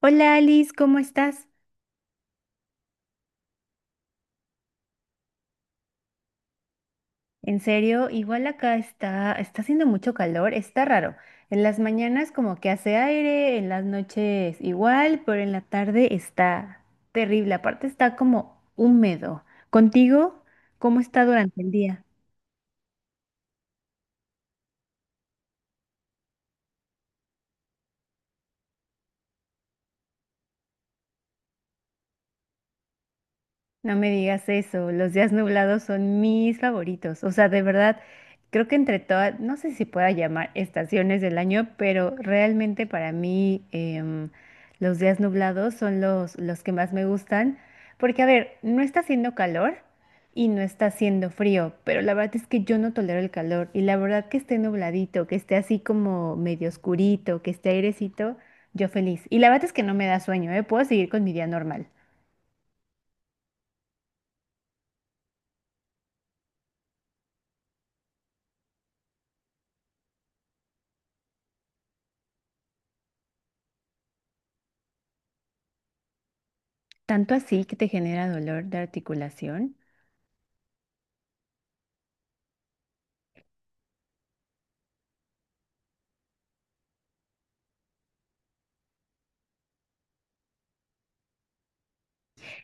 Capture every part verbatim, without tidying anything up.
Hola Alice, ¿cómo estás? En serio, igual acá está, está haciendo mucho calor, está raro. En las mañanas como que hace aire, en las noches igual, pero en la tarde está terrible. Aparte está como húmedo. ¿Contigo? ¿Cómo está durante el día? No me digas eso, los días nublados son mis favoritos. O sea, de verdad, creo que entre todas, no sé si pueda llamar estaciones del año, pero realmente para mí em, los días nublados son los, los que más me gustan. Porque, a ver, no está haciendo calor y no está haciendo frío, pero la verdad es que yo no tolero el calor. Y la verdad que esté nubladito, que esté así como medio oscurito, que esté airecito, yo feliz. Y la verdad es que no me da sueño, ¿eh? Puedo seguir con mi día normal. Tanto así que te genera dolor de articulación.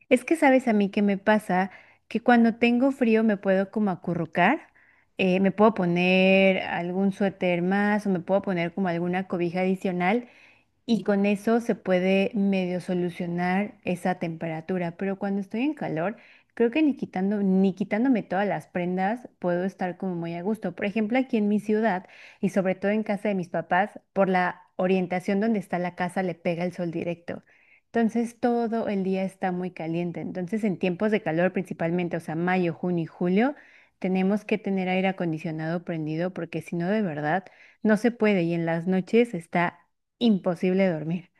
Es que sabes a mí qué me pasa, que cuando tengo frío me puedo como acurrucar, eh, me puedo poner algún suéter más o me puedo poner como alguna cobija adicional. Y con eso se puede medio solucionar esa temperatura, pero cuando estoy en calor, creo que ni quitando, ni quitándome todas las prendas puedo estar como muy a gusto. Por ejemplo, aquí en mi ciudad y sobre todo en casa de mis papás, por la orientación donde está la casa le pega el sol directo. Entonces todo el día está muy caliente. Entonces en tiempos de calor principalmente, o sea, mayo, junio y julio, tenemos que tener aire acondicionado prendido porque si no, de verdad, no se puede. Y en las noches está imposible dormir.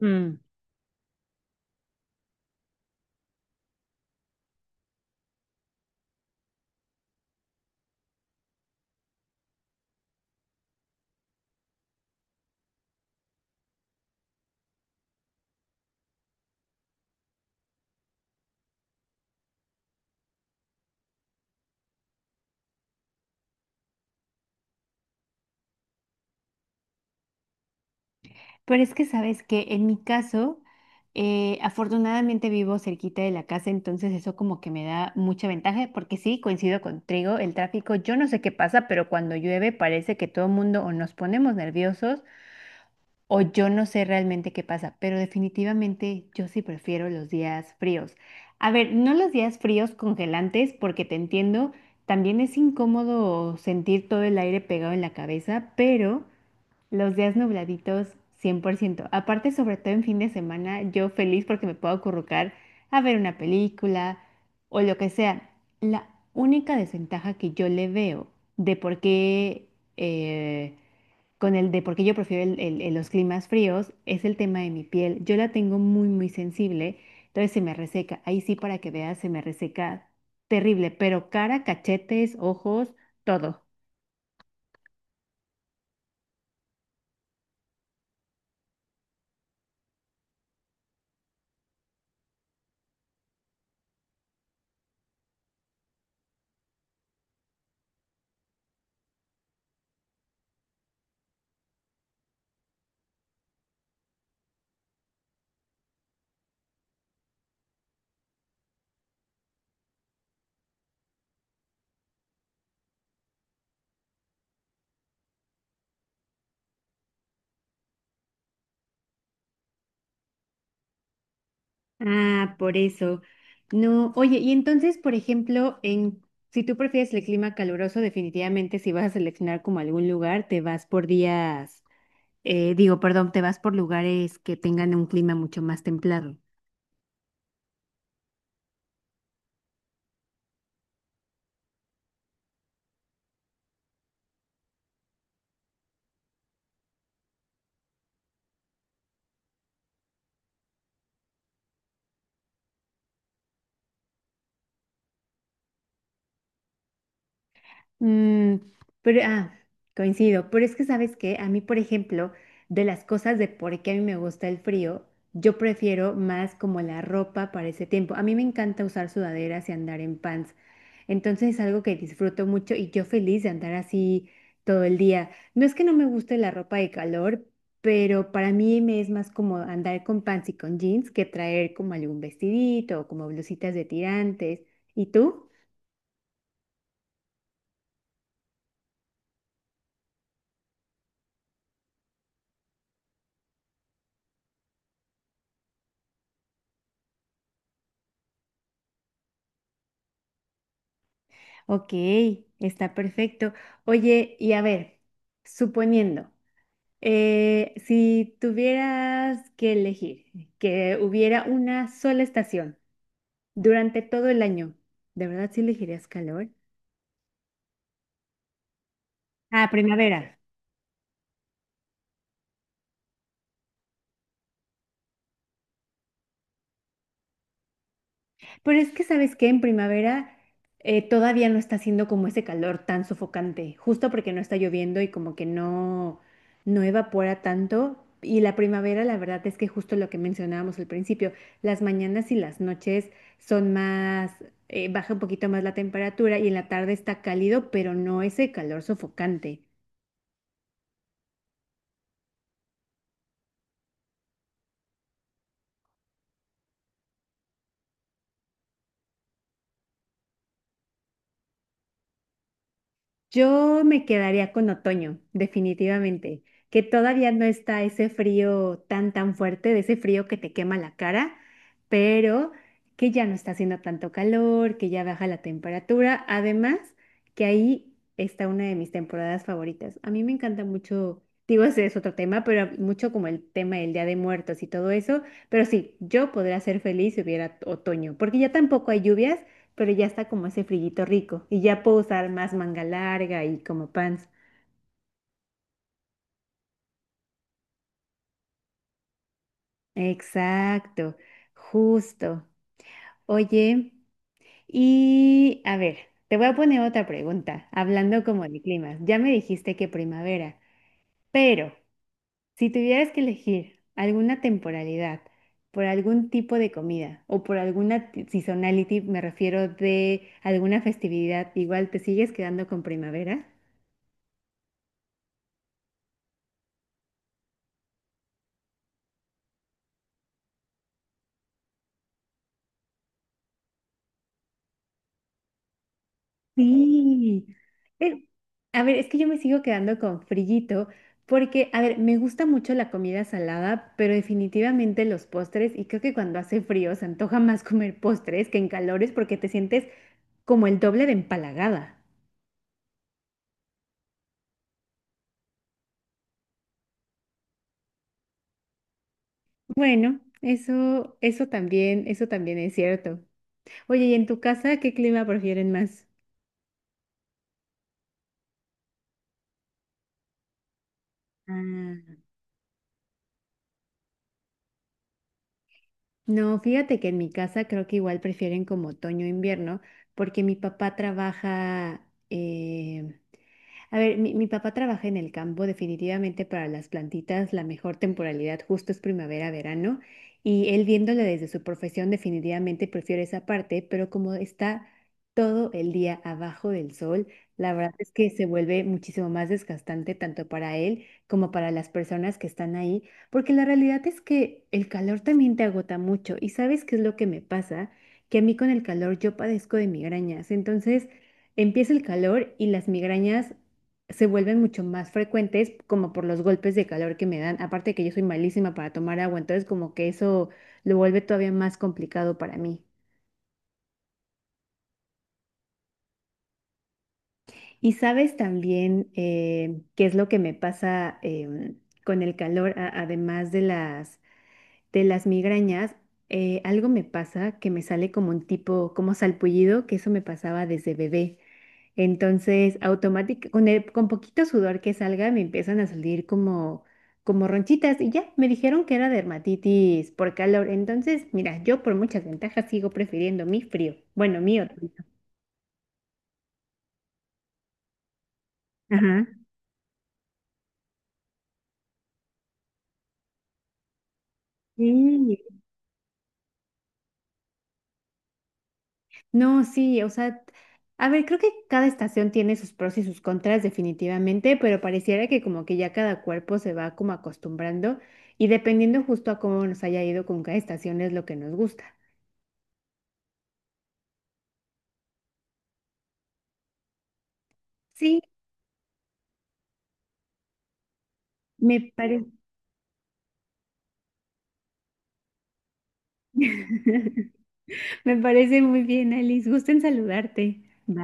Mm. Pero es que sabes que en mi caso, eh, afortunadamente vivo cerquita de la casa, entonces eso como que me da mucha ventaja, porque sí, coincido contigo, el tráfico, yo no sé qué pasa, pero cuando llueve parece que todo el mundo o nos ponemos nerviosos o yo no sé realmente qué pasa, pero definitivamente yo sí prefiero los días fríos. A ver, no los días fríos congelantes, porque te entiendo, también es incómodo sentir todo el aire pegado en la cabeza, pero... Los días nubladitos, cien por ciento. Aparte, sobre todo en fin de semana, yo feliz porque me puedo acurrucar a ver una película o lo que sea. La única desventaja que yo le veo de por qué, eh, con el de por qué yo prefiero el- el- el- los climas fríos es el tema de mi piel. Yo la tengo muy, muy sensible, entonces se me reseca. Ahí sí, para que veas, se me reseca terrible, pero cara, cachetes, ojos, todo. Ah, por eso. No, oye, y entonces, por ejemplo, en si tú prefieres el clima caluroso, definitivamente si vas a seleccionar como algún lugar, te vas por días, eh, digo, perdón, te vas por lugares que tengan un clima mucho más templado. Mm, pero, ah, coincido, pero es que sabes que a mí, por ejemplo, de las cosas de por qué a mí me gusta el frío, yo prefiero más como la ropa para ese tiempo. A mí me encanta usar sudaderas y andar en pants. Entonces es algo que disfruto mucho y yo feliz de andar así todo el día. No es que no me guste la ropa de calor, pero para mí me es más como andar con pants y con jeans que traer como algún vestidito o como blusitas de tirantes. ¿Y tú? Ok, está perfecto. Oye, y a ver, suponiendo, eh, si tuvieras que elegir que hubiera una sola estación durante todo el año, ¿de verdad sí elegirías calor? Ah, primavera. Pero es que, ¿sabes qué? En primavera eh, todavía no está haciendo como ese calor tan sofocante, justo porque no está lloviendo y como que no, no evapora tanto. Y la primavera, la verdad es que justo lo que mencionábamos al principio, las mañanas y las noches son más, eh, baja un poquito más la temperatura y en la tarde está cálido, pero no ese calor sofocante. Yo me quedaría con otoño, definitivamente, que todavía no está ese frío tan tan fuerte, de ese frío que te quema la cara, pero que ya no está haciendo tanto calor, que ya baja la temperatura, además que ahí está una de mis temporadas favoritas. A mí me encanta mucho, digo, ese es otro tema, pero mucho como el tema del Día de Muertos y todo eso, pero sí, yo podría ser feliz si hubiera otoño, porque ya tampoco hay lluvias pero ya está como ese frillito rico y ya puedo usar más manga larga y como pants. Exacto, justo. Oye, y a ver, te voy a poner otra pregunta, hablando como de climas. Ya me dijiste que primavera, pero si tuvieras que elegir alguna temporalidad por algún tipo de comida o por alguna t- seasonality, me refiero de alguna festividad, igual te sigues quedando con primavera. Sí. Es- a ver, es que yo me sigo quedando con frillito porque, a ver, me gusta mucho la comida salada, pero definitivamente los postres y creo que cuando hace frío se antoja más comer postres que en calores porque te sientes como el doble de empalagada. Bueno, eso, eso también, eso también es cierto. Oye, ¿y en tu casa qué clima prefieren más? Ah. No, fíjate que en mi casa creo que igual prefieren como otoño e invierno, porque mi papá trabaja, eh, a ver, mi, mi papá trabaja en el campo, definitivamente para las plantitas la mejor temporalidad justo es primavera, verano, y él viéndolo desde su profesión definitivamente prefiere esa parte, pero como está todo el día abajo del sol, la verdad es que se vuelve muchísimo más desgastante tanto para él como para las personas que están ahí, porque la realidad es que el calor también te agota mucho y ¿sabes qué es lo que me pasa? Que a mí con el calor yo padezco de migrañas, entonces... Empieza el calor y las migrañas se vuelven mucho más frecuentes como por los golpes de calor que me dan. Aparte de que yo soy malísima para tomar agua, entonces como que eso lo vuelve todavía más complicado para mí. Y sabes también eh, qué es lo que me pasa em, con el calor, a- además de las de las migrañas, eh, algo me pasa que me sale como un tipo, como salpullido, que eso me pasaba desde bebé. Entonces, automáticamente, con el- con poquito sudor que salga, me empiezan a salir como, como ronchitas y ya, me dijeron que era dermatitis por calor. Entonces, mira, yo por muchas ventajas sigo prefiriendo mi frío. Bueno, mi otoño. Ajá. Sí. No, sí, o sea, a ver, creo que cada estación tiene sus pros y sus contras definitivamente, pero pareciera que como que ya cada cuerpo se va como acostumbrando y dependiendo justo a cómo nos haya ido con cada estación es lo que nos gusta. Sí, me parece. Me parece muy bien, Alice. Gusto en saludarte. Bye.